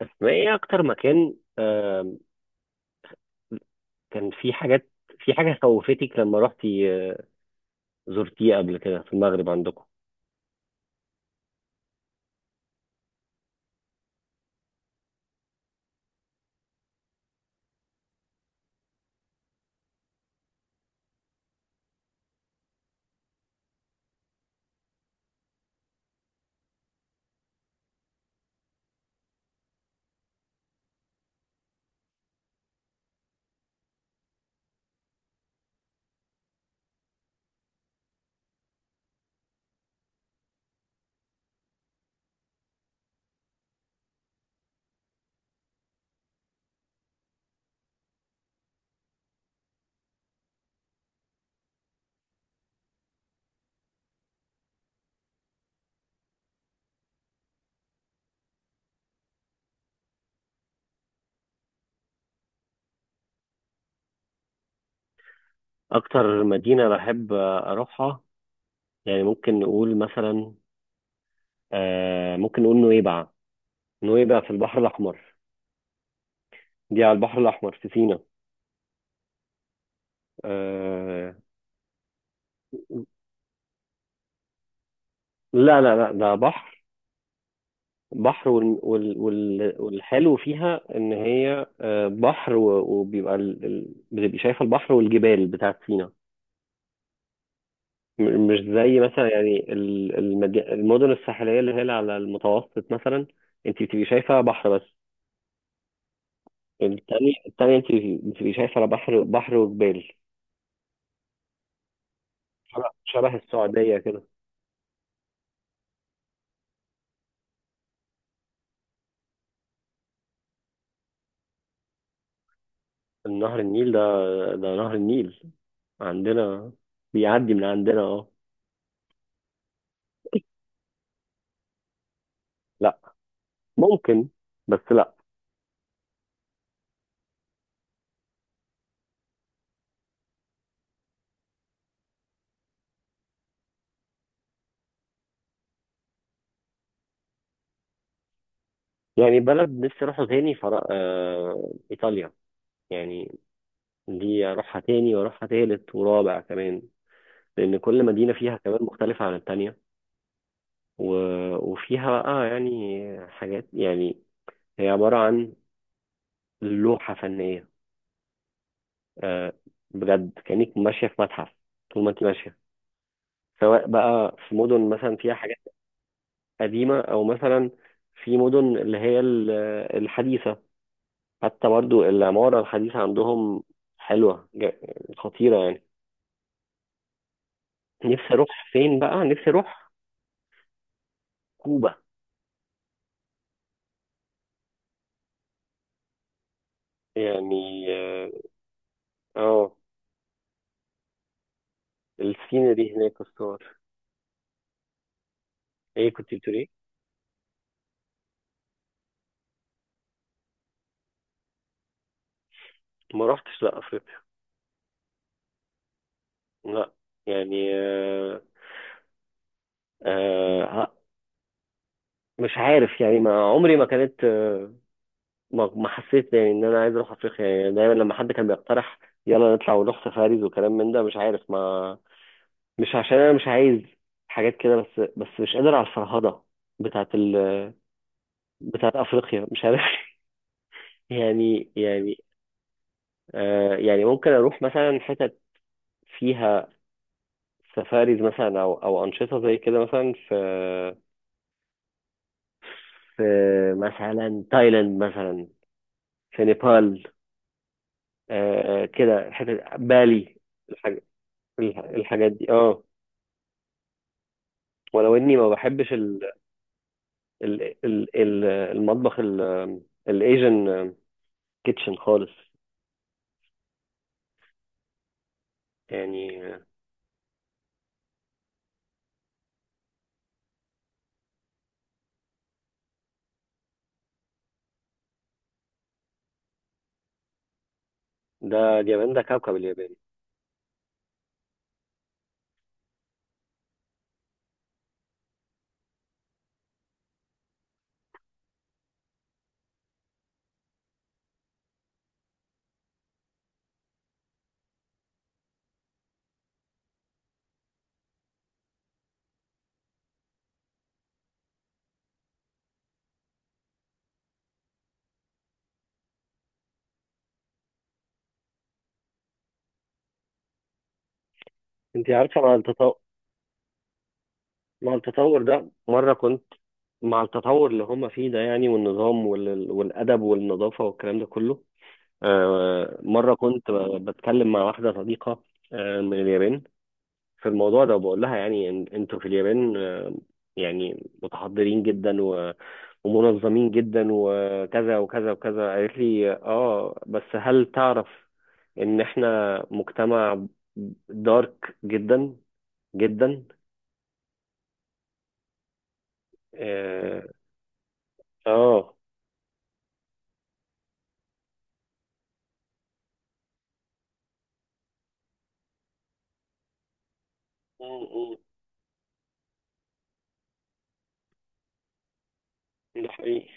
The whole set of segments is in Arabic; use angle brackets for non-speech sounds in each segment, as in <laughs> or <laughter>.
بس، ايه اكتر مكان، كان في حاجات، في حاجه خوفتك لما رحتي زرتيه قبل كده في المغرب عندكم؟ اكتر مدينه بحب اروحها، يعني ممكن نقول مثلا ممكن نقول نويبع. نويبع في البحر الاحمر، دي على البحر الاحمر في سينا. آه، لا، ده بحر. بحر والحلو فيها ان هي بحر وبيبقى بتبقي شايفه البحر والجبال بتاعت سينا. مش زي مثلا يعني المدن الساحليه اللي هي اللي على المتوسط مثلا. انت بتبقي شايفه بحر بس. التاني، التاني انت بتبقي شايفه لا، بحر، بحر وجبال. شبه شبه السعوديه كده. النهر النيل ده، ده نهر النيل عندنا، بيعدي من عندنا. اه. لا، ممكن، بس لا. يعني بلد نفسي اروحها تاني، ايطاليا. يعني دي اروحها تاني واروحها تالت ورابع كمان، لان كل مدينه فيها كمان مختلفه عن التانيه. وفيها بقى يعني حاجات، يعني هي عبارة عن لوحة فنية. آه، بجد كأنك ماشية في متحف طول ما انت ماشية، سواء بقى في مدن مثلا فيها حاجات قديمة، أو مثلا في مدن اللي هي الحديثة. حتى برضو العمارة الحديثة عندهم حلوة، خطيرة يعني. نفسي أروح فين؟ بقى نفسي أروح كوبا. يعني اه، آه، السينري هناك، الصور. ايه، كنت بتقول ايه؟ ما رحتش لا افريقيا، لا. يعني آه، آه ه- مش عارف يعني، ما عمري ما كانت ما حسيت يعني ان انا عايز اروح افريقيا. يعني دايما لما حد كان بيقترح يلا نطلع ونروح سفاريز وكلام من ده، مش عارف، ما، مش عشان انا مش عايز حاجات كده، بس مش قادر على الفرهدة بتاعت ال، بتاعت افريقيا، مش عارف. <laughs> يعني آه، يعني ممكن اروح مثلا حتت فيها سفاريز مثلا، او انشطه زي كده، مثلا في في مثلا تايلاند، مثلا في نيبال. آه كده، حتة بالي، الحاج... الحاجات دي اه. ولو اني ما بحبش المطبخ الايجن كيتشن خالص، يعني ده اليابان، ده كوكب اليابان. انت عارفه مع التطور. مع التطور ده، مره كنت، مع التطور اللي هم فيه ده يعني، والنظام والادب والنظافه والكلام ده كله. مرة كنت بتكلم مع واحدة صديقة من اليابان في الموضوع ده. بقول لها يعني انتوا في اليابان يعني متحضرين جدا ومنظمين جدا، وكذا وكذا وكذا. قالت لي اه، بس هل تعرف ان احنا مجتمع دارك جدا، جدا. اه. آه. م- م. ده حقيقي.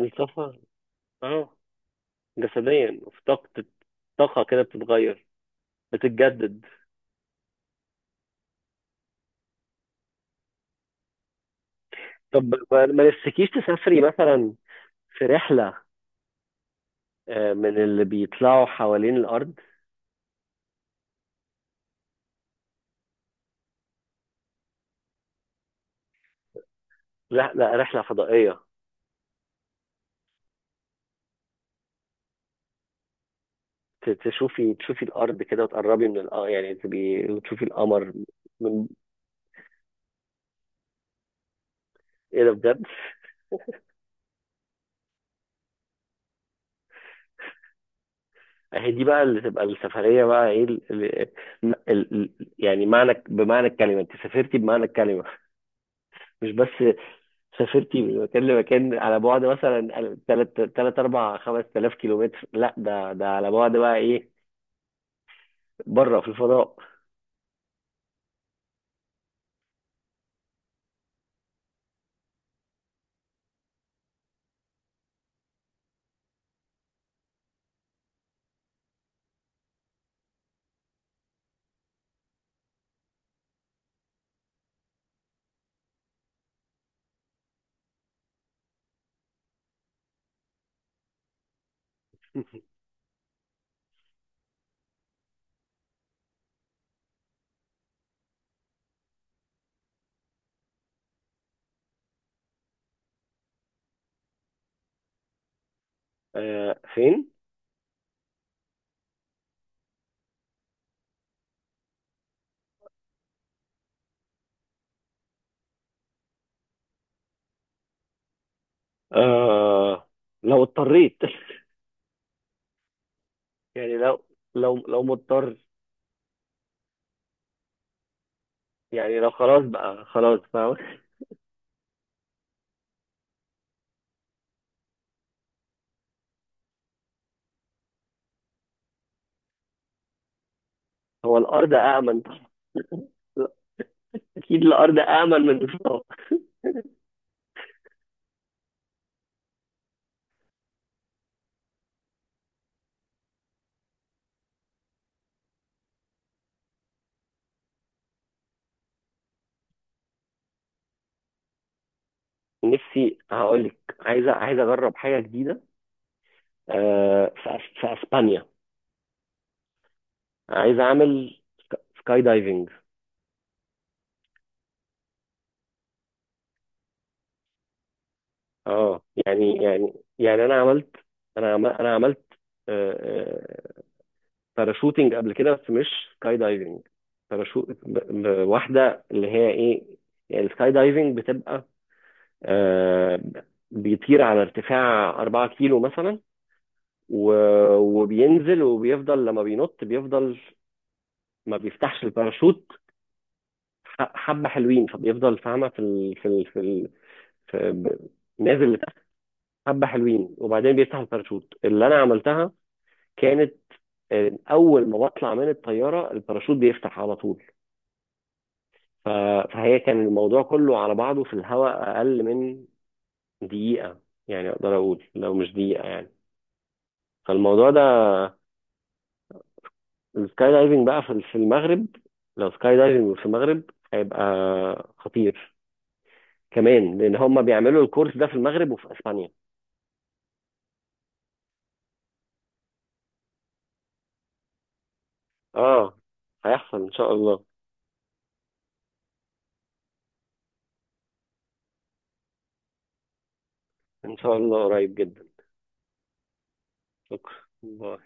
الطاقة، اه، جسديا في طاقة. طاقة كده بتتغير، بتتجدد. طب ما نفسكيش تسافري مثلا في رحلة من اللي بيطلعوا حوالين الارض؟ رحله فضائيه. تشوفي، الارض كده وتقربي من يعني تبقي تشوفي القمر من... ايه ده، بجد. اهي دي بقى اللي تبقى السفريه بقى، ايه يعني معنى، بمعنى الكلمه، انت سافرتي بمعنى الكلمه، مش بس سافرتي من مكان لمكان على بعد مثلا 3 4 5000 كيلومتر. لا، ده ده على بعد بقى ايه، بره في الفضاء. <laughs> آه فين؟ آه، لو اضطريت. <laughs> يعني لو، لو مضطر يعني، لو خلاص بقى، خلاص فاهم. هو الارض امن؟ لا، اكيد الارض امن من الفضاء. نفسي هقول لك، عايز، عايز اجرب حاجه جديده في في اسبانيا. عايز اعمل سكاي دايفنج. اه يعني، يعني انا عملت، انا عملت آه، آه، باراشوتنج قبل كده، بس مش سكاي دايفنج. باراشوت واحده، اللي هي ايه، يعني السكاي دايفنج بتبقى آه، بيطير على ارتفاع 4 كيلو مثلا، وبينزل وبيفضل لما بينط، بيفضل ما بيفتحش الباراشوت حبة حلوين. فبيفضل فاهمة في ال... في ال... في, ال... في... ب- نازل لتحت حبة حلوين، وبعدين بيفتح الباراشوت. اللي أنا عملتها كانت أول ما بطلع من الطيارة الباراشوت بيفتح على طول. ف... فهي، كان الموضوع كله على بعضه في الهواء أقل من دقيقة. يعني أقدر أقول لو مش دقيقة يعني. فالموضوع ده، السكاي دايفنج بقى في المغرب، لو سكاي دايفنج في المغرب هيبقى خطير كمان، لان هم بيعملوا الكورس ده في المغرب وفي اسبانيا. اه. هيحصل ان شاء الله، ان شاء الله قريب جدا. شكرا.